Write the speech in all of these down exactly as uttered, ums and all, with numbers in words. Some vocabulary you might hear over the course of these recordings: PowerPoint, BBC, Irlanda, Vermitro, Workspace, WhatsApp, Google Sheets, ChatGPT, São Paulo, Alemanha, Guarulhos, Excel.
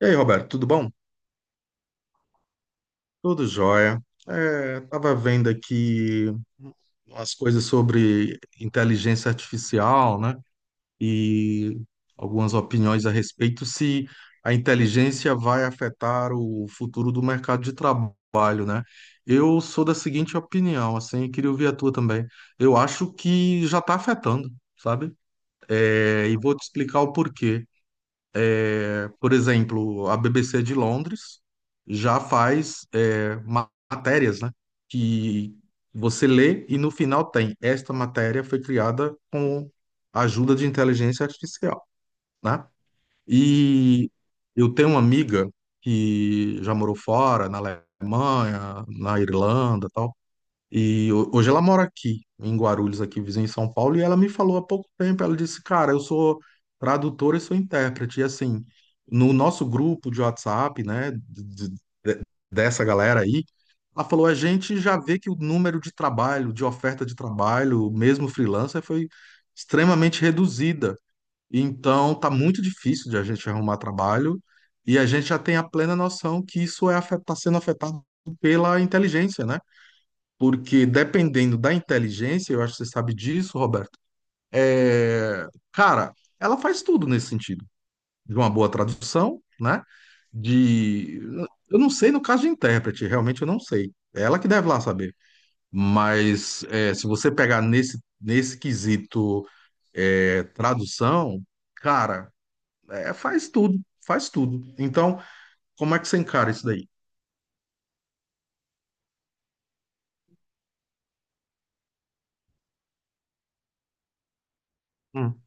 E aí, Roberto, tudo bom? Tudo jóia. É, tava vendo aqui umas coisas sobre inteligência artificial, né? E algumas opiniões a respeito se a inteligência vai afetar o futuro do mercado de trabalho, né? Eu sou da seguinte opinião, assim, e queria ouvir a tua também. Eu acho que já está afetando, sabe? É, e vou te explicar o porquê. É, Por exemplo, a B B C de Londres já faz é, ma- matérias, né? Que você lê e no final tem esta matéria foi criada com a ajuda de inteligência artificial, né? E eu tenho uma amiga que já morou fora, na Alemanha, na Irlanda, tal. E ho- hoje ela mora aqui, em Guarulhos, aqui vizinho em São Paulo, e ela me falou há pouco tempo, ela disse, cara, eu sou tradutora e sou intérprete. E assim, no nosso grupo de WhatsApp, né, de- de- dessa galera aí, ela falou, a gente já vê que o número de trabalho, de oferta de trabalho, mesmo freelancer, foi extremamente reduzida. Então, tá muito difícil de a gente arrumar trabalho, e a gente já tem a plena noção que isso é afet- tá sendo afetado pela inteligência, né? Porque dependendo da inteligência, eu acho que você sabe disso, Roberto. é, Cara, ela faz tudo nesse sentido, de uma boa tradução, né? De, eu não sei no caso de intérprete, realmente eu não sei. É ela que deve lá saber. Mas é, se você pegar nesse nesse quesito é, tradução, cara, é, faz tudo, faz tudo. Então, como é que você encara isso daí? Hum,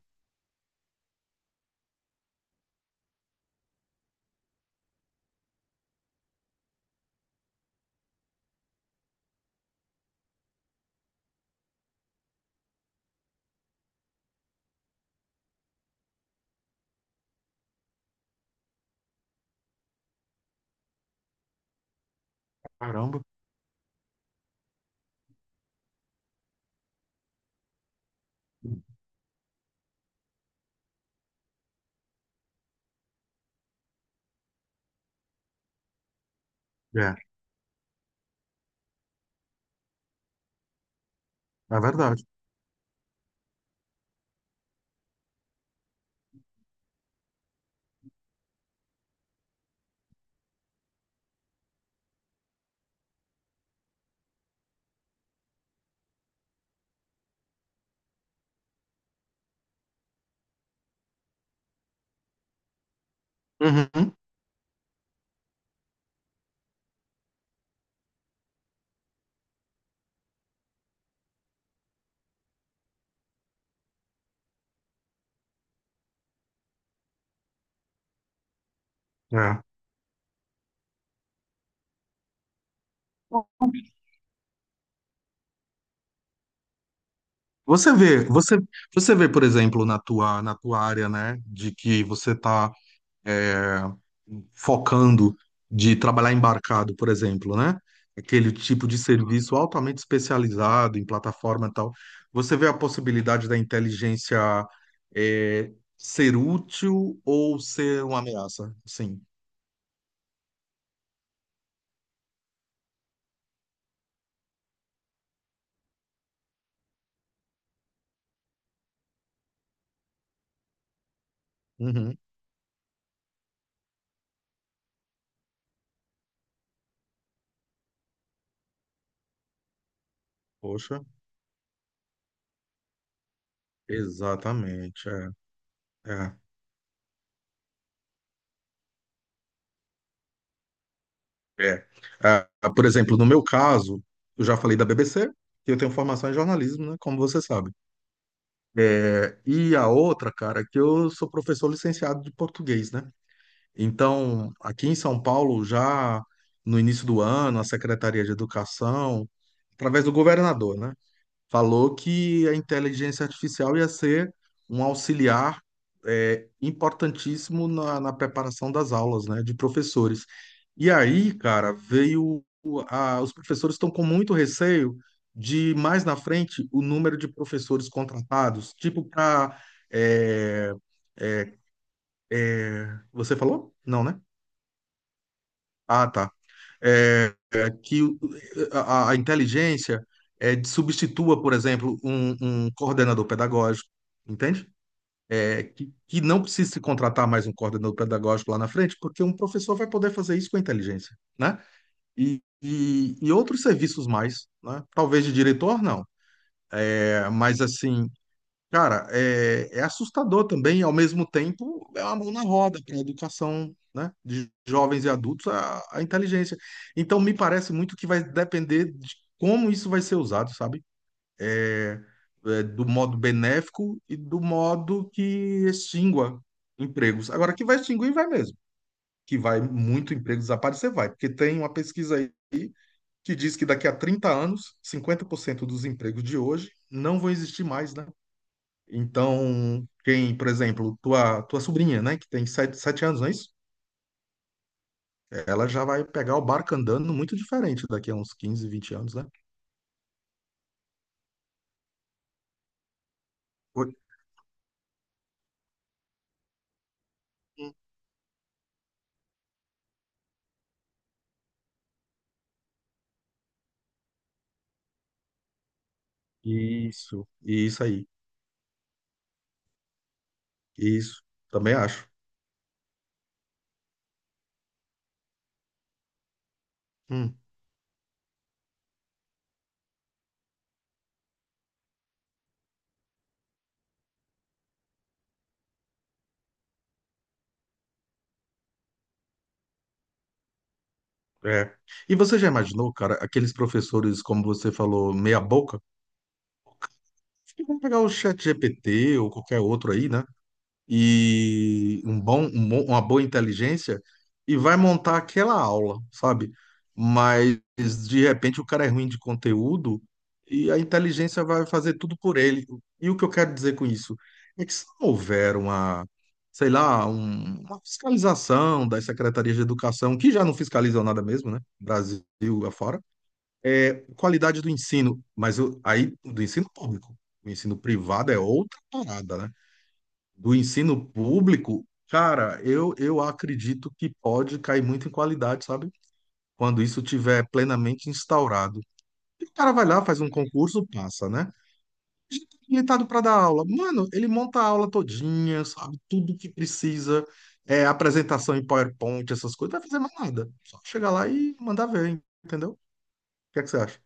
Caramba, é, é verdade. Uhum, é. Você vê, você, você vê, por exemplo, na tua, na tua área, né, de que você está focando de trabalhar embarcado, por exemplo, né, aquele tipo de serviço altamente especializado em plataforma e tal. Você vê a possibilidade da inteligência é, ser útil ou ser uma ameaça? Sim. Uhum. Poxa, exatamente. É, é. É. Ah, ah, por exemplo, no meu caso, eu já falei da B B C, que eu tenho formação em jornalismo, né, como você sabe. É, e a outra, cara, é que eu sou professor licenciado de português, né? Então, aqui em São Paulo, já no início do ano, a Secretaria de Educação, através do governador, né, falou que a inteligência artificial ia ser um auxiliar é, importantíssimo na, na preparação das aulas, né, de professores. E aí, cara, veio o- a- os professores estão com muito receio de mais na frente o número de professores contratados, tipo para você falou? Não, né? Ah, tá. É, é, que o- a, a inteligência é, substitua, por exemplo, um, um coordenador pedagógico, entende? É, que, que não precisa se contratar mais um coordenador pedagógico lá na frente, porque um professor vai poder fazer isso com a inteligência, né? E, e, e outros serviços mais, né? Talvez de diretor, não. É, mas, assim, cara, é, é assustador também, ao mesmo tempo, é uma mão na roda para a educação, né, de jovens e adultos, a, a inteligência. Então, me parece muito que vai depender de como isso vai ser usado, sabe? É, é, do modo benéfico e do modo que extingua empregos. Agora, que vai extinguir, vai mesmo. Que vai muito emprego desaparecer, vai. Porque tem uma pesquisa aí que diz que daqui a trinta anos, cinquenta por cento dos empregos de hoje não vão existir mais, né? Então, quem, por exemplo, tua, tua sobrinha, né, que tem sete, sete anos, não é isso? Ela já vai pegar o barco andando muito diferente daqui a uns quinze, vinte anos, né? Oi. Isso, isso aí, isso, também acho. Hum, é. E você já imaginou, cara, aqueles professores, como você falou, meia boca? Acho que vão pegar o Chat G P T ou qualquer outro aí, né? E um bom, um bom- uma boa inteligência e vai montar aquela aula, sabe? Mas de repente o cara é ruim de conteúdo e a inteligência vai fazer tudo por ele. E o que eu quero dizer com isso é que se não houver uma, sei lá, um- uma fiscalização das secretarias de educação, que já não fiscalizam nada mesmo, né? Brasil afora, é qualidade do ensino, mas o- aí do ensino público. O ensino privado é outra parada, né? Do ensino público, cara, eu, eu acredito que pode cair muito em qualidade, sabe? Quando isso tiver plenamente instaurado. O cara vai lá, faz um concurso, passa, né? Habilitado para dar aula. Mano, ele monta a aula todinha, sabe? Tudo que precisa, é, apresentação em PowerPoint, essas coisas, não vai fazer mais nada. Só chegar lá e mandar ver, entendeu? O que é que você acha?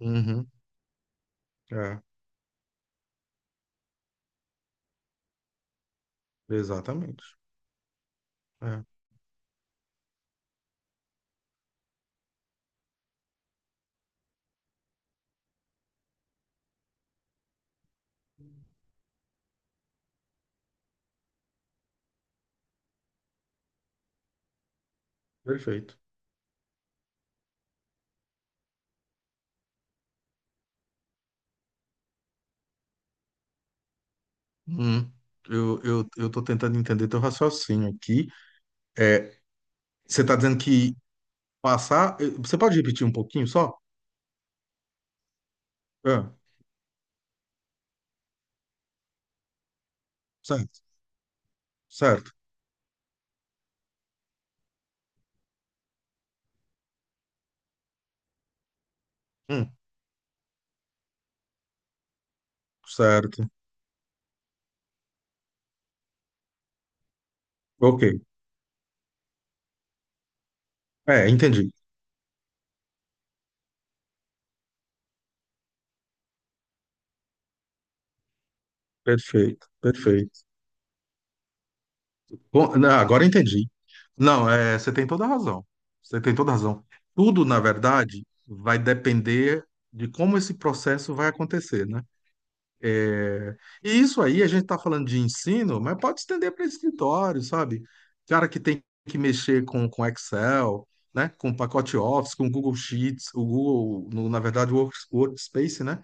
Uhum, é, exatamente. É, Perfeito. Hum, eu, eu, eu tô tentando entender teu raciocínio aqui. É, Você está dizendo que passar. eh, Você pode repetir um pouquinho só? Ah, certo, certo. Hum, certo. Ok. É, entendi. Perfeito, perfeito. Bom, não, agora entendi. Não, é, você tem toda a razão. Você tem toda a razão. Tudo, na verdade, vai depender de como esse processo vai acontecer, né? É, E isso aí, a gente está falando de ensino, mas pode estender para escritório, sabe? Cara que tem que mexer com, com Excel, né? Com pacote Office, com Google Sheets, o Google, no- na verdade, o Works- Workspace, né?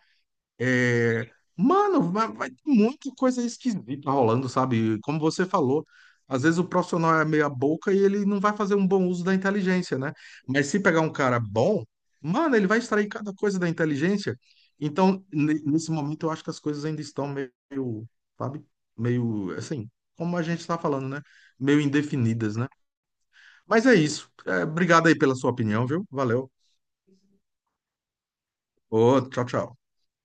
É, mano, vai, vai ter muita coisa esquisita rolando, sabe? Como você falou, às vezes o profissional é meia boca e ele não vai fazer um bom uso da inteligência, né? Mas se pegar um cara bom, mano, ele vai extrair cada coisa da inteligência. Então, ne- nesse momento, eu acho que as coisas ainda estão meio, sabe? Meio, assim, como a gente está falando, né? Meio indefinidas, né? Mas é isso. É, obrigado aí pela sua opinião, viu? Valeu. Ô, tchau, tchau.